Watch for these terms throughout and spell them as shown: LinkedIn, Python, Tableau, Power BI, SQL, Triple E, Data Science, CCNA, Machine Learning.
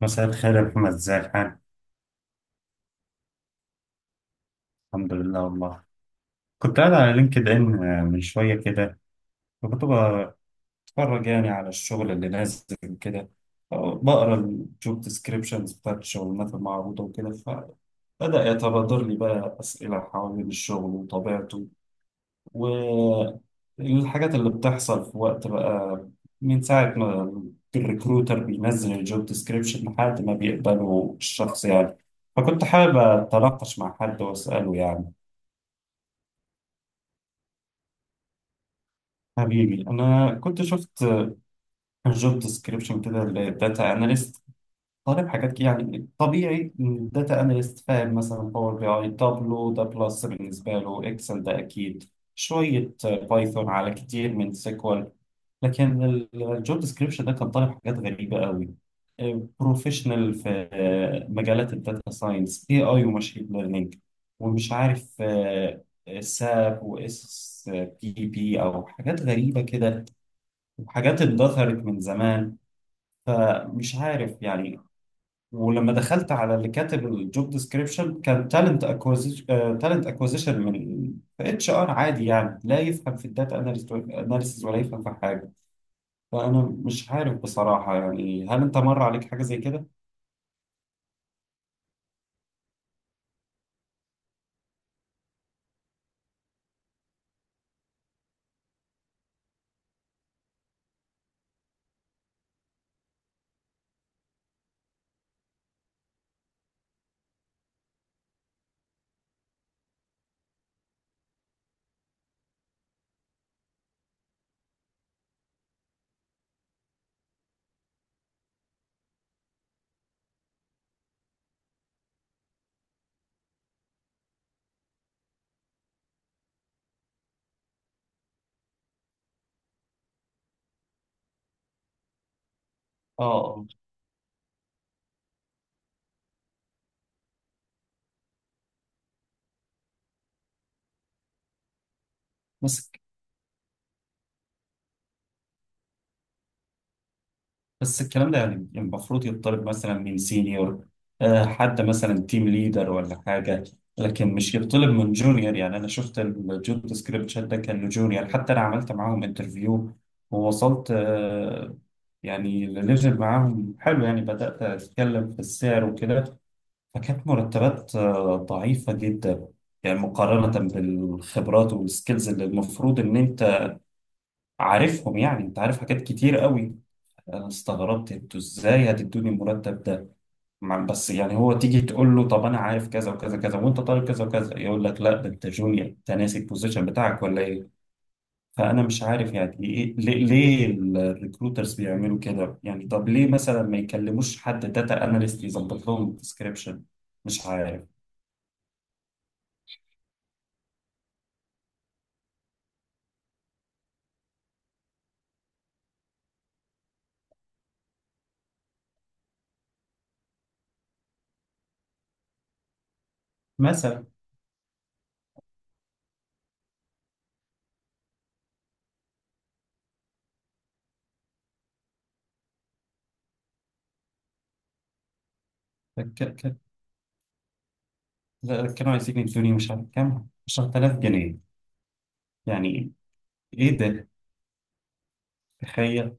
مساء الخير يا محمد، ازي الحال؟ الحمد لله والله. كنت قاعد على لينكد ان من شوية كده، فكنت بتفرج يعني على الشغل اللي نازل كده، بقرا الجوب ديسكريبشنز بتاعت الشغلانات المعروضة وكده. فبدأ يتبادر لي بقى أسئلة حوالين الشغل وطبيعته والحاجات اللي بتحصل في وقت بقى من ساعة ما الريكروتر بينزل الجوب ديسكريبشن لحد ما بيقبله الشخص يعني. فكنت حابب أتناقش مع حد وأسأله يعني. حبيبي انا كنت شفت جوب ديسكريبشن كده للداتا اناليست، طالب حاجات كده، يعني طبيعي الداتا اناليست فاهم مثلا باور بي اي، تابلو ده بلس، بالنسبه له اكسل ده اكيد، شويه بايثون على كتير من سيكوال. لكن الجوب ديسكريبشن ده كان طالب حاجات غريبه قوي، بروفيشنال في مجالات الداتا ساينس، اي اي وماشين ليرنينج، ومش عارف ساب واس بي بي او، حاجات غريبه كده وحاجات اتدثرت من زمان، فمش عارف يعني. ولما دخلت على اللي كاتب الجوب ديسكريبشن كان تالنت اكوزيشن من اتش ار عادي يعني، لا يفهم في الداتا اناليسيز ولا يفهم في حاجه. فانا مش عارف بصراحه يعني، هل انت مر عليك حاجه زي كده؟ اه آه. بس بس الكلام ده يعني المفروض يطلب مثلا من سينيور، حد مثلا تيم ليدر ولا حاجة. لكن مش يطلب من جونيور، يعني أنا شفت الجوب ديسكريبشن ده كان لجونيور. حتى أنا عملت معاهم انترفيو ووصلت يعني لليفل معاهم حلو، يعني بدأت أتكلم في السعر وكده. فكانت مرتبات ضعيفة جدا، يعني مقارنة بالخبرات والسكيلز اللي المفروض إن أنت عارفهم. يعني أنت عارف حاجات كتير قوي، انا استغربت انتوا ازاي هتدوني المرتب ده. بس يعني هو تيجي تقول له طب انا عارف كذا وكذا كذا وانت طالب كذا وكذا، يقول لك لا ده انت جونيور، انت ناسي البوزيشن بتاعك ولا ايه. فانا مش عارف يعني ايه، ليه الريكروترز بيعملوا كده؟ يعني طب ليه مثلا ما يكلموش حد داتا اناليست يظبط لهم الديسكريبشن؟ مش عارف مثلا. ك- ك- كانوا عايزين يدوني مش عارف كام 10000 جنيه. يعني ايه ده؟ تخيل.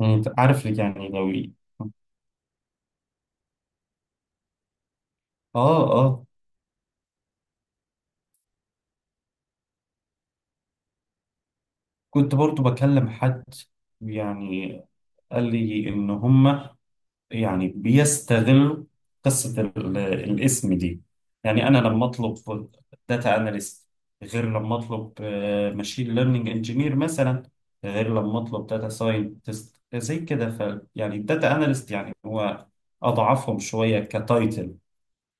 انت عارف يعني لو اه اه كنت برضو بكلم حد يعني، قال لي إن هما يعني بيستغلوا قصة الاسم دي. يعني أنا لما أطلب داتا أناليست غير لما أطلب ماشين ليرنينج انجينير مثلا، غير لما أطلب داتا ساينتست زي كده. ف يعني الداتا أناليست يعني هو أضعفهم شوية كتايتل،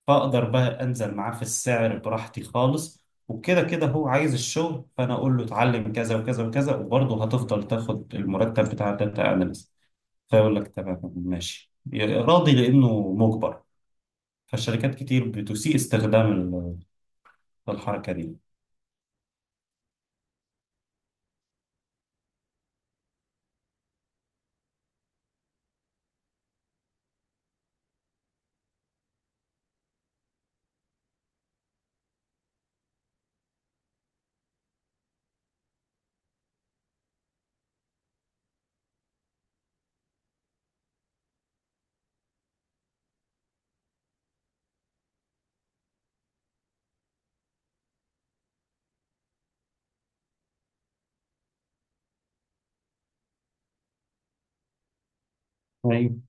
فاقدر بقى انزل معاه في السعر براحتي خالص، وكده كده هو عايز الشغل فانا اقول له اتعلم كذا وكذا وكذا، وبرضه هتفضل تاخد المرتب بتاع الداتا اناليست. فيقول لك تمام ماشي، راضي لانه مجبر. فالشركات كتير بتسيء استخدام الحركه دي. ايوه.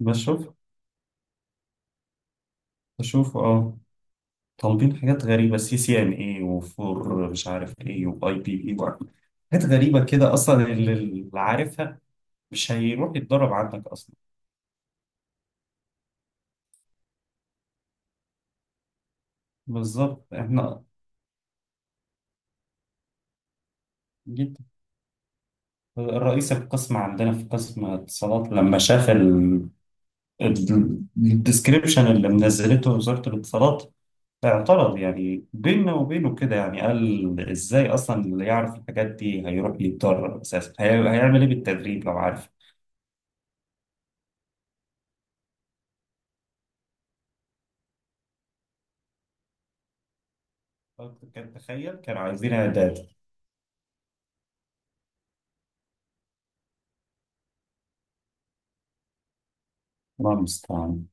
بشوف بشوف طالبين حاجات غريبه، سي سي ان اي وفور مش عارف ايه واي بي بي، حاجات غريبه كده، اصلا اللي عارفها مش هيروح يتدرب عندك اصلا. بالظبط، احنا جدا. الرئيس القسم عندنا في قسم الاتصالات لما شاف الديسكريبشن اللي منزلته وزارة الاتصالات اعترض. يعني بيننا وبينه كده، يعني قال ازاي اصلا اللي يعرف الحاجات دي هيروح يتدرب؟ اساسا هيعمل ايه بالتدريب لو عارف؟ قلت كان تخيل كانوا عايزين اعداد. الله المستعان.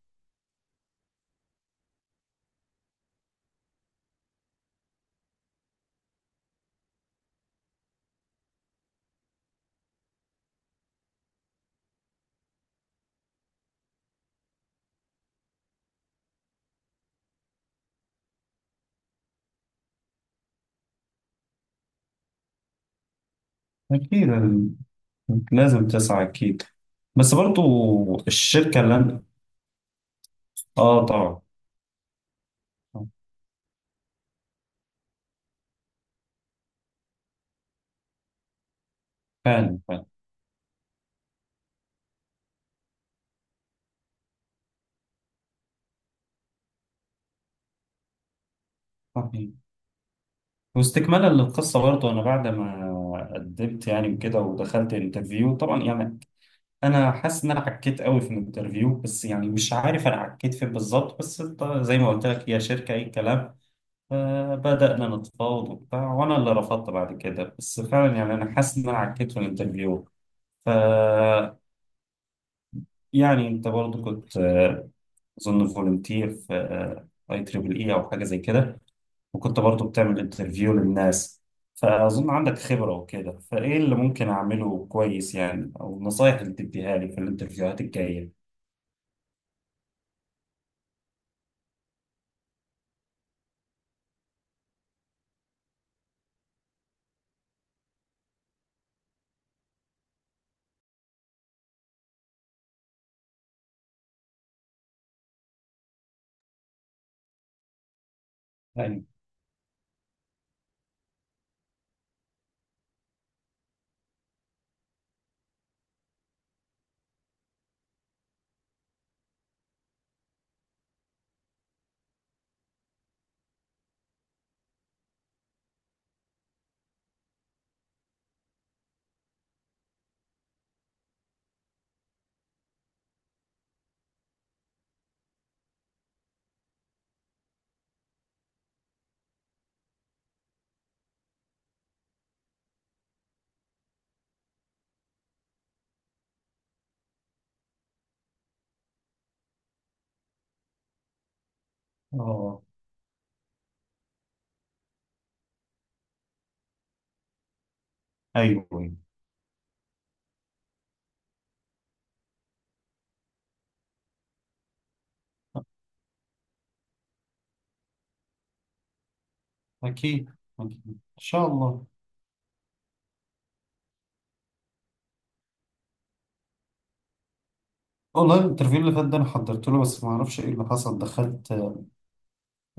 اكيد لازم تسعى اكيد. بس برضو الشركة اللي أنا- اه طبعا. فعلا. فعلا. واستكمالا للقصة برضه، أنا بعد ما قدمت يعني كده ودخلت انترفيو طبعا، يعني أنا حاسس إن أنا عكيت قوي في الانترفيو، بس يعني مش عارف أنا عكيت فين بالظبط. بس إنت زي ما قلت لك هي شركة أي كلام. فبدأنا نتفاوض وبتاع، وأنا اللي رفضت بعد كده. بس فعلا يعني أنا حاسس إن أنا عكيت في الانترفيو. ف يعني أنت برضه كنت أظن فولunteer في أي تريبل إي أو حاجة زي كده، وكنت برضو بتعمل انترفيو للناس. فأظن عندك خبرة وكده، فإيه اللي ممكن أعمله كويس يعني؟ أو النصايح اللي تديها لي في الانترفيوهات الجاية؟ ايوه. اه ايوه أيوة. اكيد اكيد ان شاء الله. والله الانترفيو اللي فات ده انا حضرت له، بس ما اعرفش ايه اللي حصل، دخلت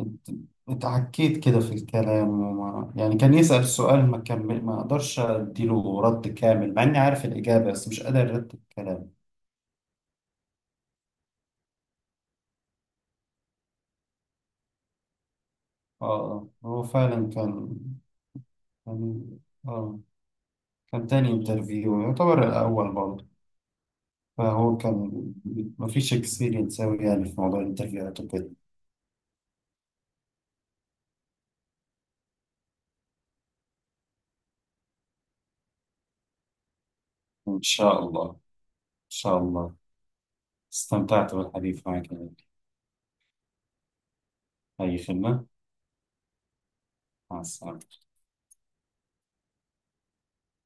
ات- اتعكيت كده في الكلام، وما يعني كان يسأل سؤال ما كمل، ما اقدرش اديله رد كامل مع اني عارف الاجابة، بس مش قادر ارد الكلام. اه آه. هو فعلا كان- اه كان تاني انترفيو يعتبر الأول برضه. فهو كان مفيش اكسبيرينس أوي يعني في موضوع الانترفيوهات وكده. إن شاء الله إن شاء الله. استمتعت بالحديث معك يا غالي. أي خدمة. مع السلامة